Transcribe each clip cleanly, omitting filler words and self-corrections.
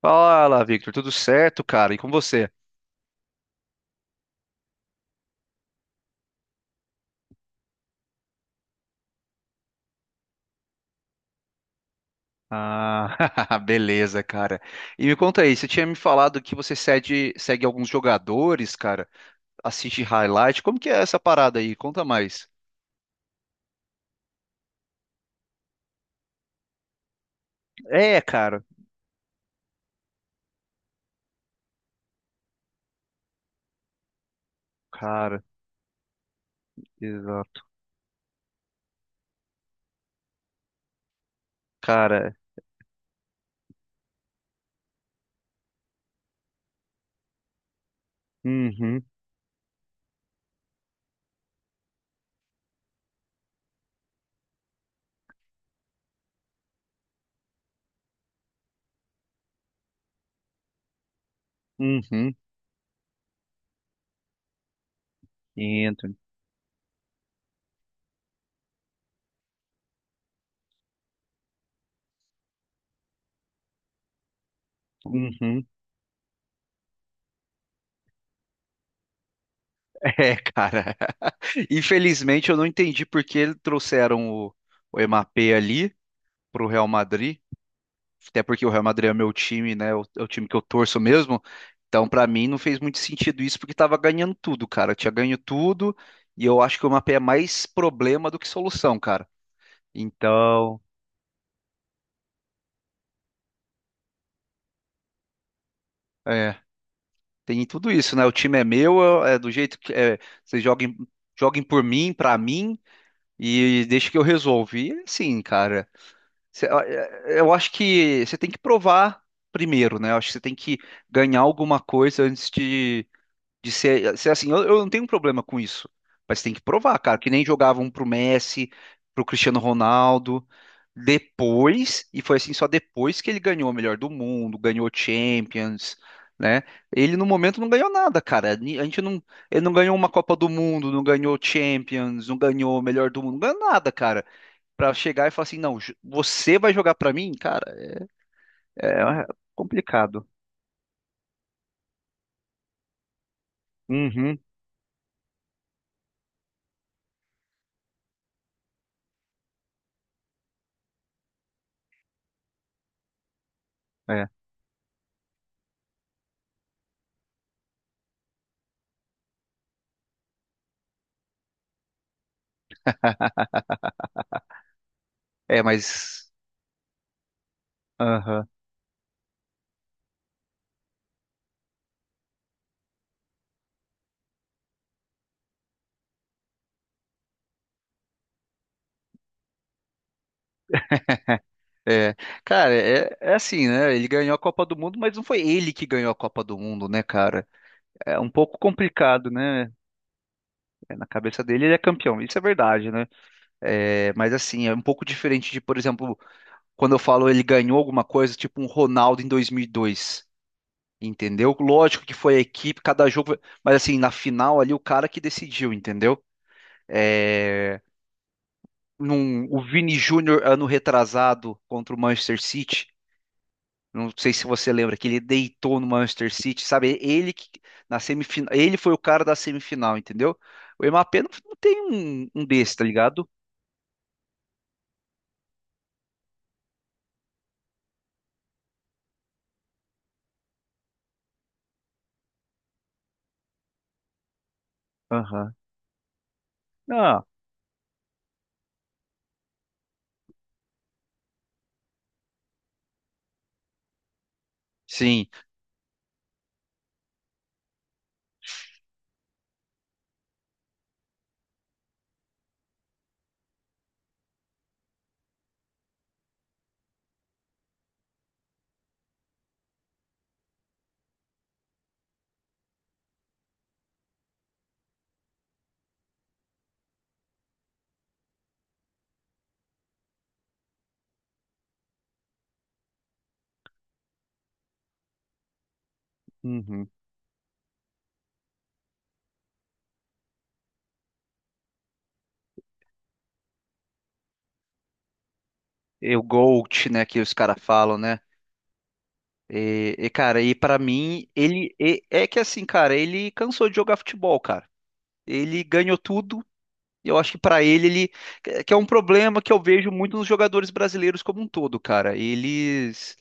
Fala, Victor, tudo certo, cara? E com você? Ah, beleza, cara. E me conta aí, você tinha me falado que você segue, alguns jogadores, cara, assiste highlight. Como que é essa parada aí? Conta mais. É, cara. Cara, exato. Cara, uhum, uhum, Anthony. Uhum. É, cara. Infelizmente eu não entendi por que eles trouxeram o Mbappé ali pro Real Madrid. Até porque o Real Madrid é meu time, né? É o time que eu torço mesmo. Então, pra mim, não fez muito sentido isso, porque tava ganhando tudo, cara. Tinha ganho tudo, e eu acho que o mapa é mais problema do que solução, cara. Então, é, tem tudo isso, né? O time é meu, é do jeito que é, vocês joguem, joguem por mim, pra mim, e deixa que eu resolvo. E assim, cara, eu acho que você tem que provar primeiro, né? Eu acho que você tem que ganhar alguma coisa antes de. De ser, ser assim, eu não tenho um problema com isso. Mas tem que provar, cara, que nem jogavam pro Messi, pro Cristiano Ronaldo. Depois, e foi assim só depois que ele ganhou o melhor do mundo, ganhou Champions, né? Ele no momento não ganhou nada, cara. A gente não, ele não ganhou uma Copa do Mundo, não ganhou Champions, não ganhou o melhor do mundo, não ganhou nada, cara. Pra chegar e falar assim, não, você vai jogar pra mim, cara, é complicado. Uhum, é. É, mas. Aham. É, cara, é, é assim, né? Ele ganhou a Copa do Mundo, mas não foi ele que ganhou a Copa do Mundo, né, cara? É um pouco complicado, né? É, na cabeça dele, ele é campeão, isso é verdade, né? É, mas assim, é um pouco diferente de, por exemplo, quando eu falo ele ganhou alguma coisa, tipo um Ronaldo em 2002, entendeu? Lógico que foi a equipe, cada jogo, mas assim, na final ali, o cara que decidiu, entendeu? É, o Vini Júnior ano retrasado contra o Manchester City. Não sei se você lembra que ele deitou no Manchester City, sabe? Ele que na semifinal, ele foi o cara da semifinal, entendeu? O Mbappé não, não tem um desse, tá ligado? Aham. Ah, sim. Uhum. E o GOAT, né, que os caras falam, né? E, cara, e pra mim, é que assim, cara, ele cansou de jogar futebol, cara. Ele ganhou tudo. E eu acho que pra ele, ele que é um problema que eu vejo muito nos jogadores brasileiros como um todo, cara. Eles.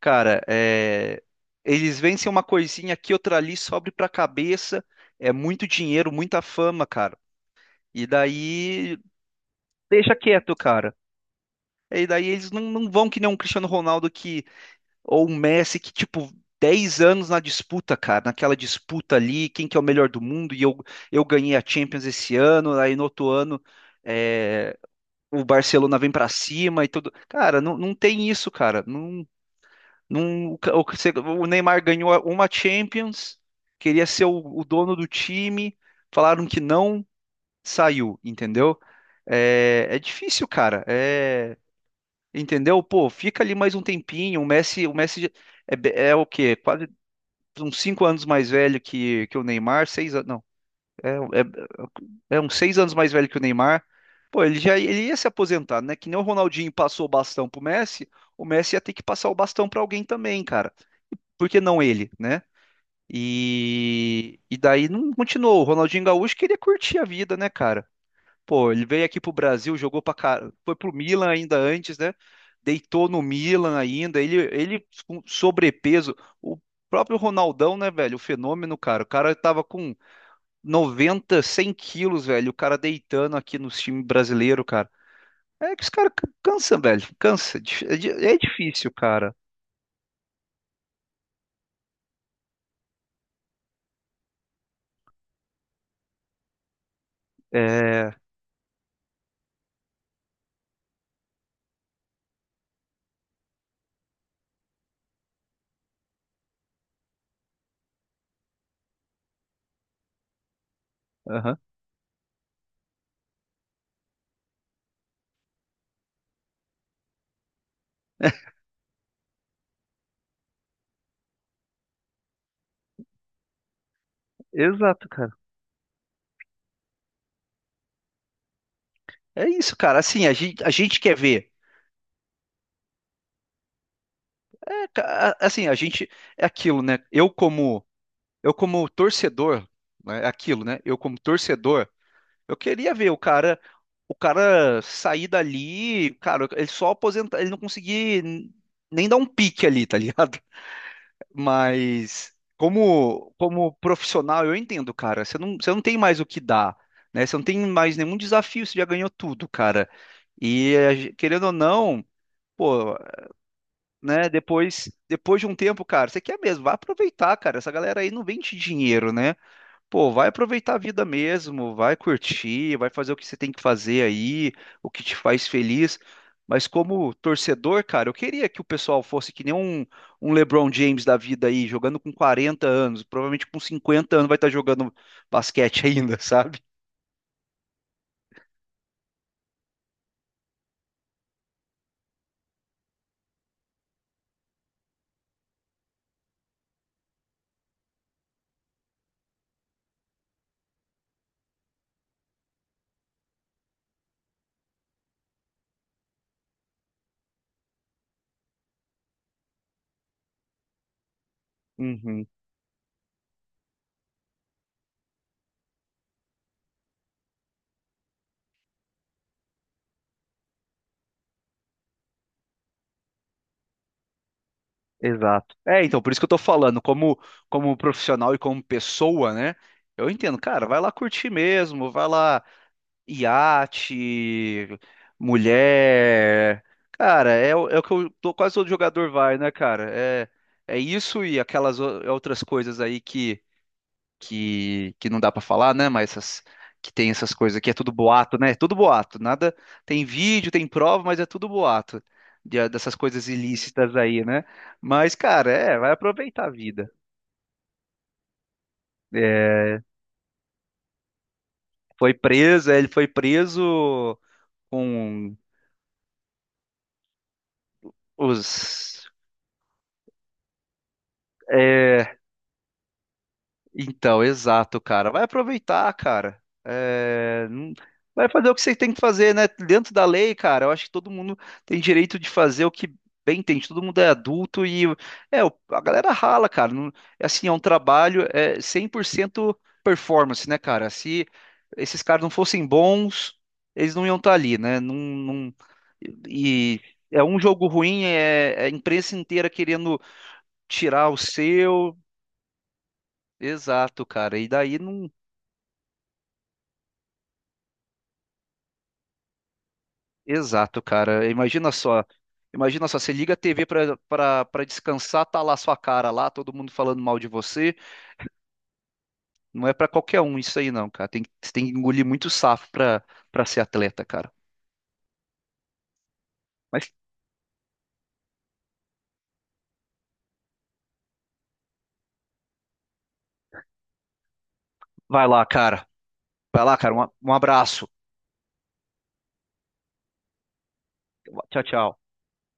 Cara, é, eles vencem uma coisinha aqui, outra ali, sobe pra cabeça. É muito dinheiro, muita fama, cara. E daí deixa quieto, cara. E daí eles não, não vão que nem um Cristiano Ronaldo que, ou um Messi que, tipo, 10 anos na disputa, cara, naquela disputa ali, quem que é o melhor do mundo, eu ganhei a Champions esse ano, aí no outro ano é, o Barcelona vem pra cima e tudo. Cara, não, não tem isso, cara. Não, o, o que o Neymar ganhou uma Champions, queria ser o dono do time, falaram que não, saiu, entendeu? É, é difícil, cara. É, entendeu? Pô, fica ali mais um tempinho. O Messi é, é o quê? Quase uns 5 anos mais velho que o Neymar, 6 anos, não, é, é uns 6 anos mais velho que o Neymar. Pô, ele ia se aposentar, né? Que nem o Ronaldinho passou o bastão pro Messi, o Messi ia ter que passar o bastão pra alguém também, cara. Por que não ele, né? E daí não continuou. O Ronaldinho Gaúcho queria curtir a vida, né, cara? Pô, ele veio aqui pro Brasil, jogou pra cara, foi pro Milan ainda antes, né? Deitou no Milan ainda. Ele com sobrepeso. O próprio Ronaldão, né, velho? O fenômeno, cara. O cara tava com 90, 100 quilos, velho. O cara deitando aqui no time brasileiro, cara. É que os caras cansam, velho. Cansa. É difícil, cara. É. Aham. Exato, cara. É isso, cara. Assim, a gente quer ver. É, assim, a gente é aquilo, né? Eu como torcedor, né? É aquilo, né? Eu como torcedor, eu queria ver o cara sair dali, cara, ele só aposentar, ele não conseguir nem dar um pique ali, tá ligado? Mas como profissional, eu entendo, cara. Você não tem mais o que dar, né? Você não tem mais nenhum desafio, você já ganhou tudo, cara. E a querendo ou não, pô, né? Depois de um tempo, cara, você quer mesmo, vai aproveitar, cara. Essa galera aí não vende dinheiro, né? Pô, vai aproveitar a vida mesmo, vai curtir, vai fazer o que você tem que fazer aí, o que te faz feliz. Mas como torcedor, cara, eu queria que o pessoal fosse que nem um LeBron James da vida aí, jogando com 40 anos, provavelmente com 50 anos vai estar jogando basquete ainda, sabe? Uhum. Exato. É, então, por isso que eu tô falando, como profissional e como pessoa, né? Eu entendo, cara, vai lá curtir mesmo, vai lá, iate, mulher. Cara, é, é o que quase todo jogador vai, né, cara? É, é isso e aquelas outras coisas aí que não dá pra falar, né? Mas essas, que tem essas coisas que é tudo boato, né? É tudo boato, nada. Tem vídeo, tem prova, mas é tudo boato ah, dessas coisas ilícitas aí, né? Mas, cara, é, vai aproveitar a vida. É, foi preso, é, ele foi preso com os. É, então, exato, cara. Vai aproveitar, cara. É, não. Vai fazer o que você tem que fazer, né? Dentro da lei, cara, eu acho que todo mundo tem direito de fazer o que bem entende. Todo mundo é adulto e é, a galera rala, cara. Não. É assim, é um trabalho, é 100% performance, né, cara? Se esses caras não fossem bons, eles não iam estar ali, né? Não, não. E é um jogo ruim, é a imprensa inteira querendo tirar o seu. Exato, cara. E daí não. Exato, cara. Imagina só. Imagina só, você liga a TV pra pra descansar, tá lá sua cara lá, todo mundo falando mal de você. Não é pra qualquer um isso aí, não, cara. Tem, você tem que engolir muito safo pra para ser atleta, cara. Mas vai lá, cara. Vai lá, cara. Um abraço. Tchau, tchau.